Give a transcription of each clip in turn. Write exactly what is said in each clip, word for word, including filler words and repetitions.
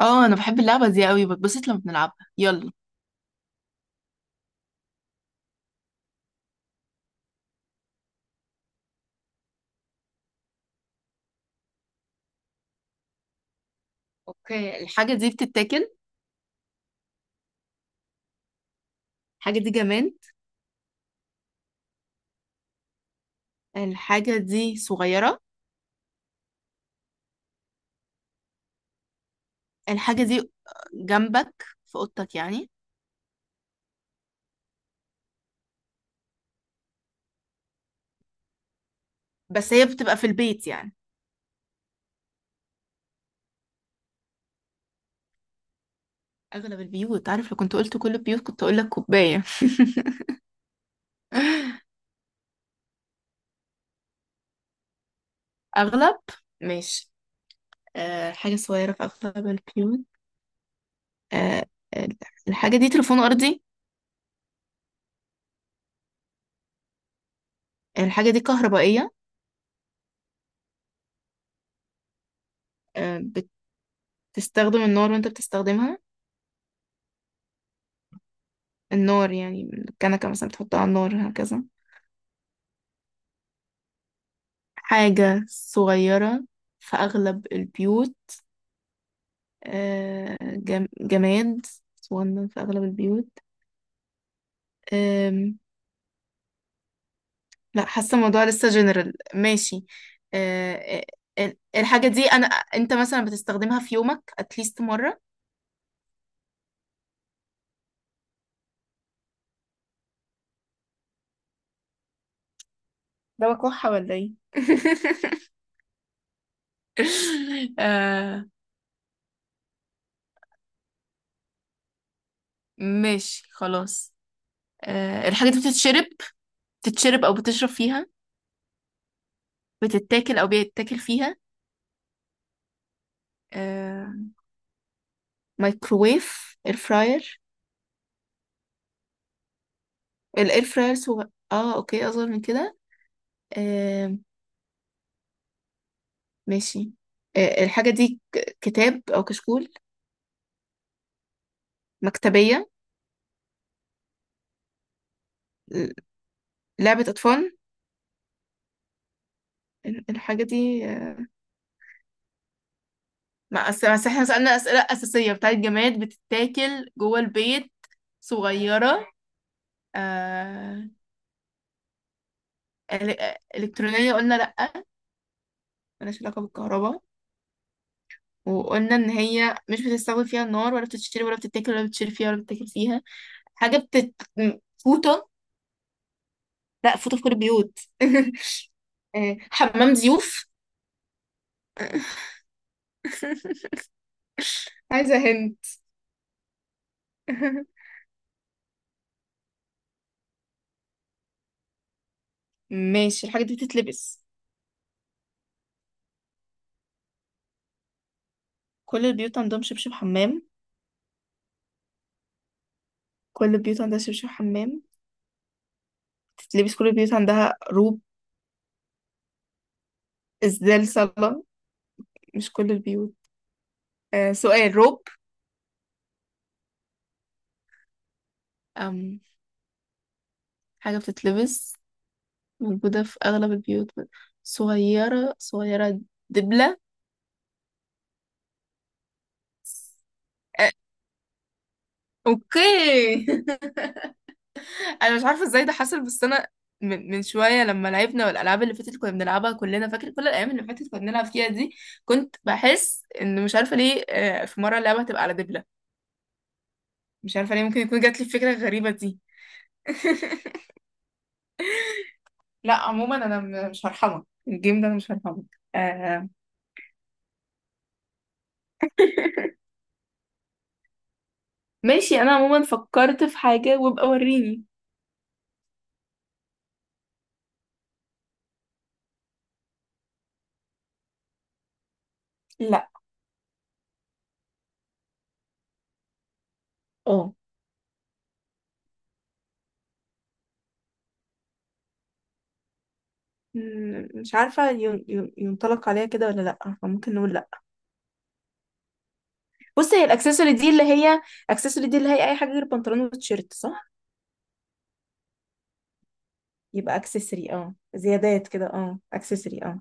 اه، انا بحب اللعبه دي قوي، بتبسط لما بنلعبها. يلا. اوكي، الحاجه دي بتتاكل؟ الحاجه دي جماد؟ الحاجه دي صغيره؟ الحاجه دي جنبك، في اوضتك يعني؟ بس هي بتبقى في البيت يعني؟ اغلب البيوت؟ عارف، لو كنت قلت كل البيوت كنت اقول لك كوبايه. اغلب، ماشي. أه، حاجه صغيره في اغلب البيوت. أه، ال- الحاجه دي تليفون ارضي؟ الحاجه دي كهربائيه؟ أه، بتستخدم النار وانت بتستخدمها؟ النار يعني، الكنكه مثلا بتحطها على النار هكذا. حاجة صغيرة في أغلب البيوت، آه، جم... جماد صغنن في أغلب البيوت. آم، لا، حاسة الموضوع لسه جنرال ماشي. آه، آه، الحاجة دي أنا أنت مثلا بتستخدمها في يومك أتليست مرة. ده بكحة ولا إيه؟ آه، ماشي خلاص. آه، الحاجة دي بتتشرب، بتتشرب أو بتشرب فيها؟ بتتاكل أو بيتاكل فيها؟ آه، مايكروويف، اير فراير. الاير فراير صغير؟ اه اوكي، اصغر من كده. آه، ماشي. آه، الحاجة دي ك- كتاب او كشكول؟ مكتبية؟ ل- لعبة اطفال؟ ال- الحاجة دي آه، ما أس- أصل احنا سألنا اسئلة اساسية بتاعت جماد، بتتاكل جوه البيت، صغيرة. آه، ال- آه، الكترونية قلنا لأ، ملهاش علاقة بالكهرباء. وقلنا ان هي مش بتستخدم فيها النار، ولا بتتشرب، ولا بتتاكل، ولا بتشرب فيها، ولا بتتاكل فيها. حاجة بتت م- فوطة؟ لا، فوطة في كل البيوت. آه، حمام ضيوف؟ عايزة هند. ماشي، الحاجة دي بتتلبس. كل البيوت عندهم شبشب حمام. كل البيوت عندها شبشب حمام، بتتلبس. كل البيوت عندها روب. إزدال صلاة؟ مش كل البيوت. آه، سؤال، روب؟ أم، حاجة بتتلبس، موجودة في أغلب البيوت، صغيرة، صغيرة. دبلة. آه، أوكي. انا مش عارفه ازاي ده حصل، بس انا من من شويه لما لعبنا، والالعاب اللي فاتت كنا بنلعبها كلنا، فاكر كل الايام اللي فاتت كنا بنلعب فيها دي، كنت بحس ان مش عارفه ليه آه، في مره اللعبه هتبقى على دبله. مش عارفه ليه ممكن يكون جات لي الفكره الغريبه دي. لا عموما انا م- مش هرحمك الجيم ده، انا مش هرحمك. آه، ماشي، انا عموما فكرت في حاجه، وابقى وريني. لا، اه م- مش عارفه ين- ين- ينطلق عليها كده ولا لا، فممكن نقول لا. بص، هي الاكسسوري دي اللي هي، اكسسوري دي اللي هي اي حاجه غير بنطلون وتيشيرت، صح؟ يبقى اكسسوري، اه، زيادات كده، اه، اكسسوري، اه.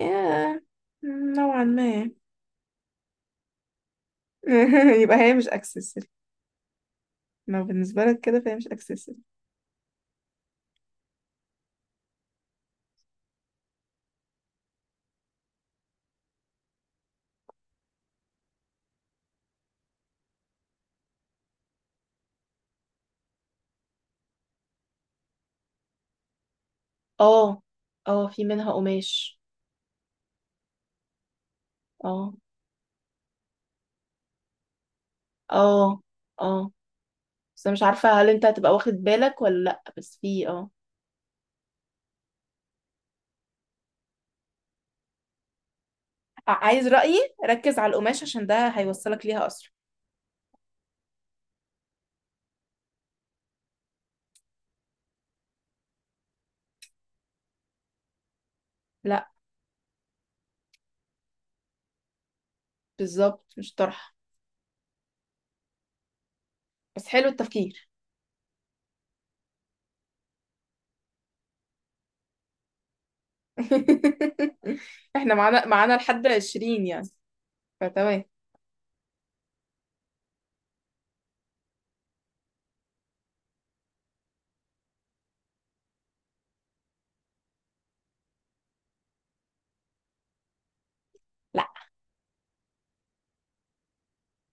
ياه، نوعا ما. يبقى هي مش اكسسوري. ما بالنسبة لك كده فهي مش اكسسوري. اه، اه في منها قماش. اه، اه، اه، بس انا مش عارفة هل انت هتبقى واخد بالك ولا لأ، بس في اه. ع- عايز رأيي؟ ركز على القماش عشان ده هيوصلك ليها أسرع. لأ، بالظبط مش طرحة. بس حلو التفكير. احنا معانا معانا لحد عشرين يعني، فتمام.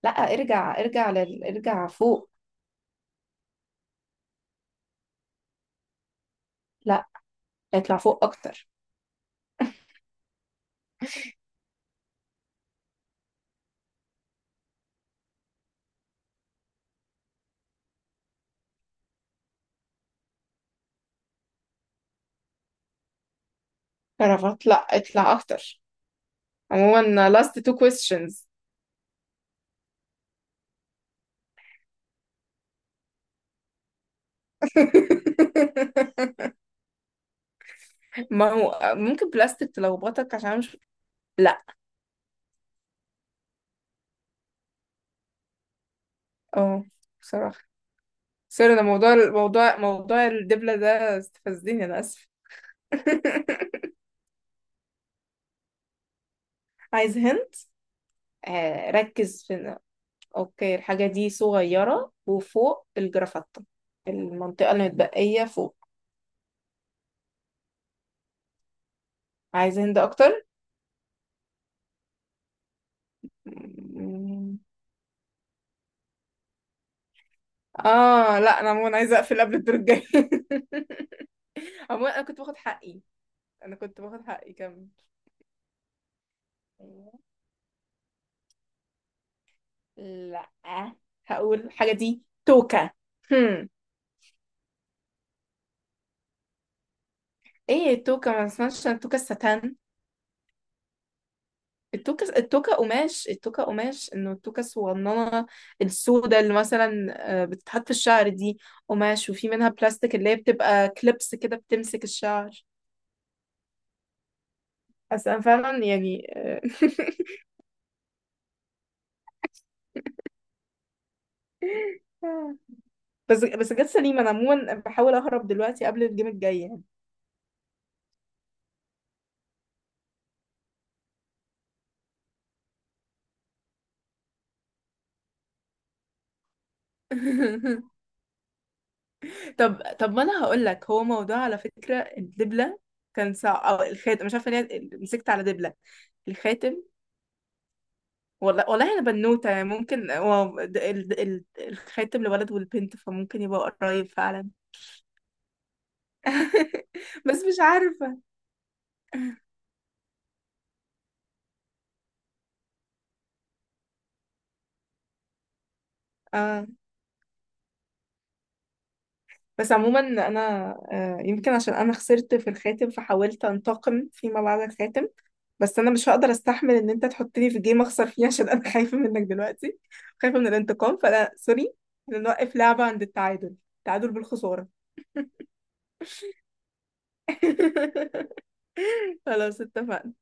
لا، ارجع، ارجع لل... ارجع فوق. لا، اطلع فوق اكتر. عرفت؟ لا، اطلع اكتر. عموما last two questions. ما هو ممكن بلاستيك تلخبطك عشان مش. لا. اه، بصراحة. سوري، انا موضوع الموضوع موضوع الدبلة ده استفزني، انا اسف. عايز هنت. آه، ركز في. اوكي، الحاجة دي صغيرة وفوق الجرافطة، المنطقة المتبقية فوق. عايز هند اكتر. اه لا، انا عموما عايزه اقفل قبل الدور الجاي. عموما انا كنت باخد حقي، انا كنت باخد حقي كم. لا، هقول حاجه، دي توكه. هم. ايه التوكه؟ ما اسمهاش التوكه الستان، التوكه، التوكه قماش، التوكه قماش انه، التوكه الصغننه السوداء اللي مثلا آه، بتتحط في الشعر دي، قماش وفي منها بلاستيك اللي هي بتبقى كليبس كده بتمسك الشعر. اصل انا فعلا يعني آه، بس بس جت سليمة، انا عموما بحاول اهرب دلوقتي قبل الجيم الجاي يعني. طب طب ما انا هقول لك، هو موضوع على فكرة الدبلة كان صعب، او الخاتم، مش عارفة ليه مسكت على دبلة، الخاتم. والله والله انا بنوتة يعني، ممكن هو د- ال... ال... الخاتم لولد والبنت فممكن يبقى قريب فعلا. بس مش عارفة. اه، بس عموما انا آه، يمكن عشان انا خسرت في الخاتم فحاولت انتقم فيما بعد الخاتم. بس انا مش هقدر استحمل ان انت تحطني في جيم اخسر فيه عشان انا خايفه منك دلوقتي، خايفه من الانتقام، فانا سوري. إحنا نوقف لعبه عند التعادل، تعادل بالخساره. خلاص اتفقنا.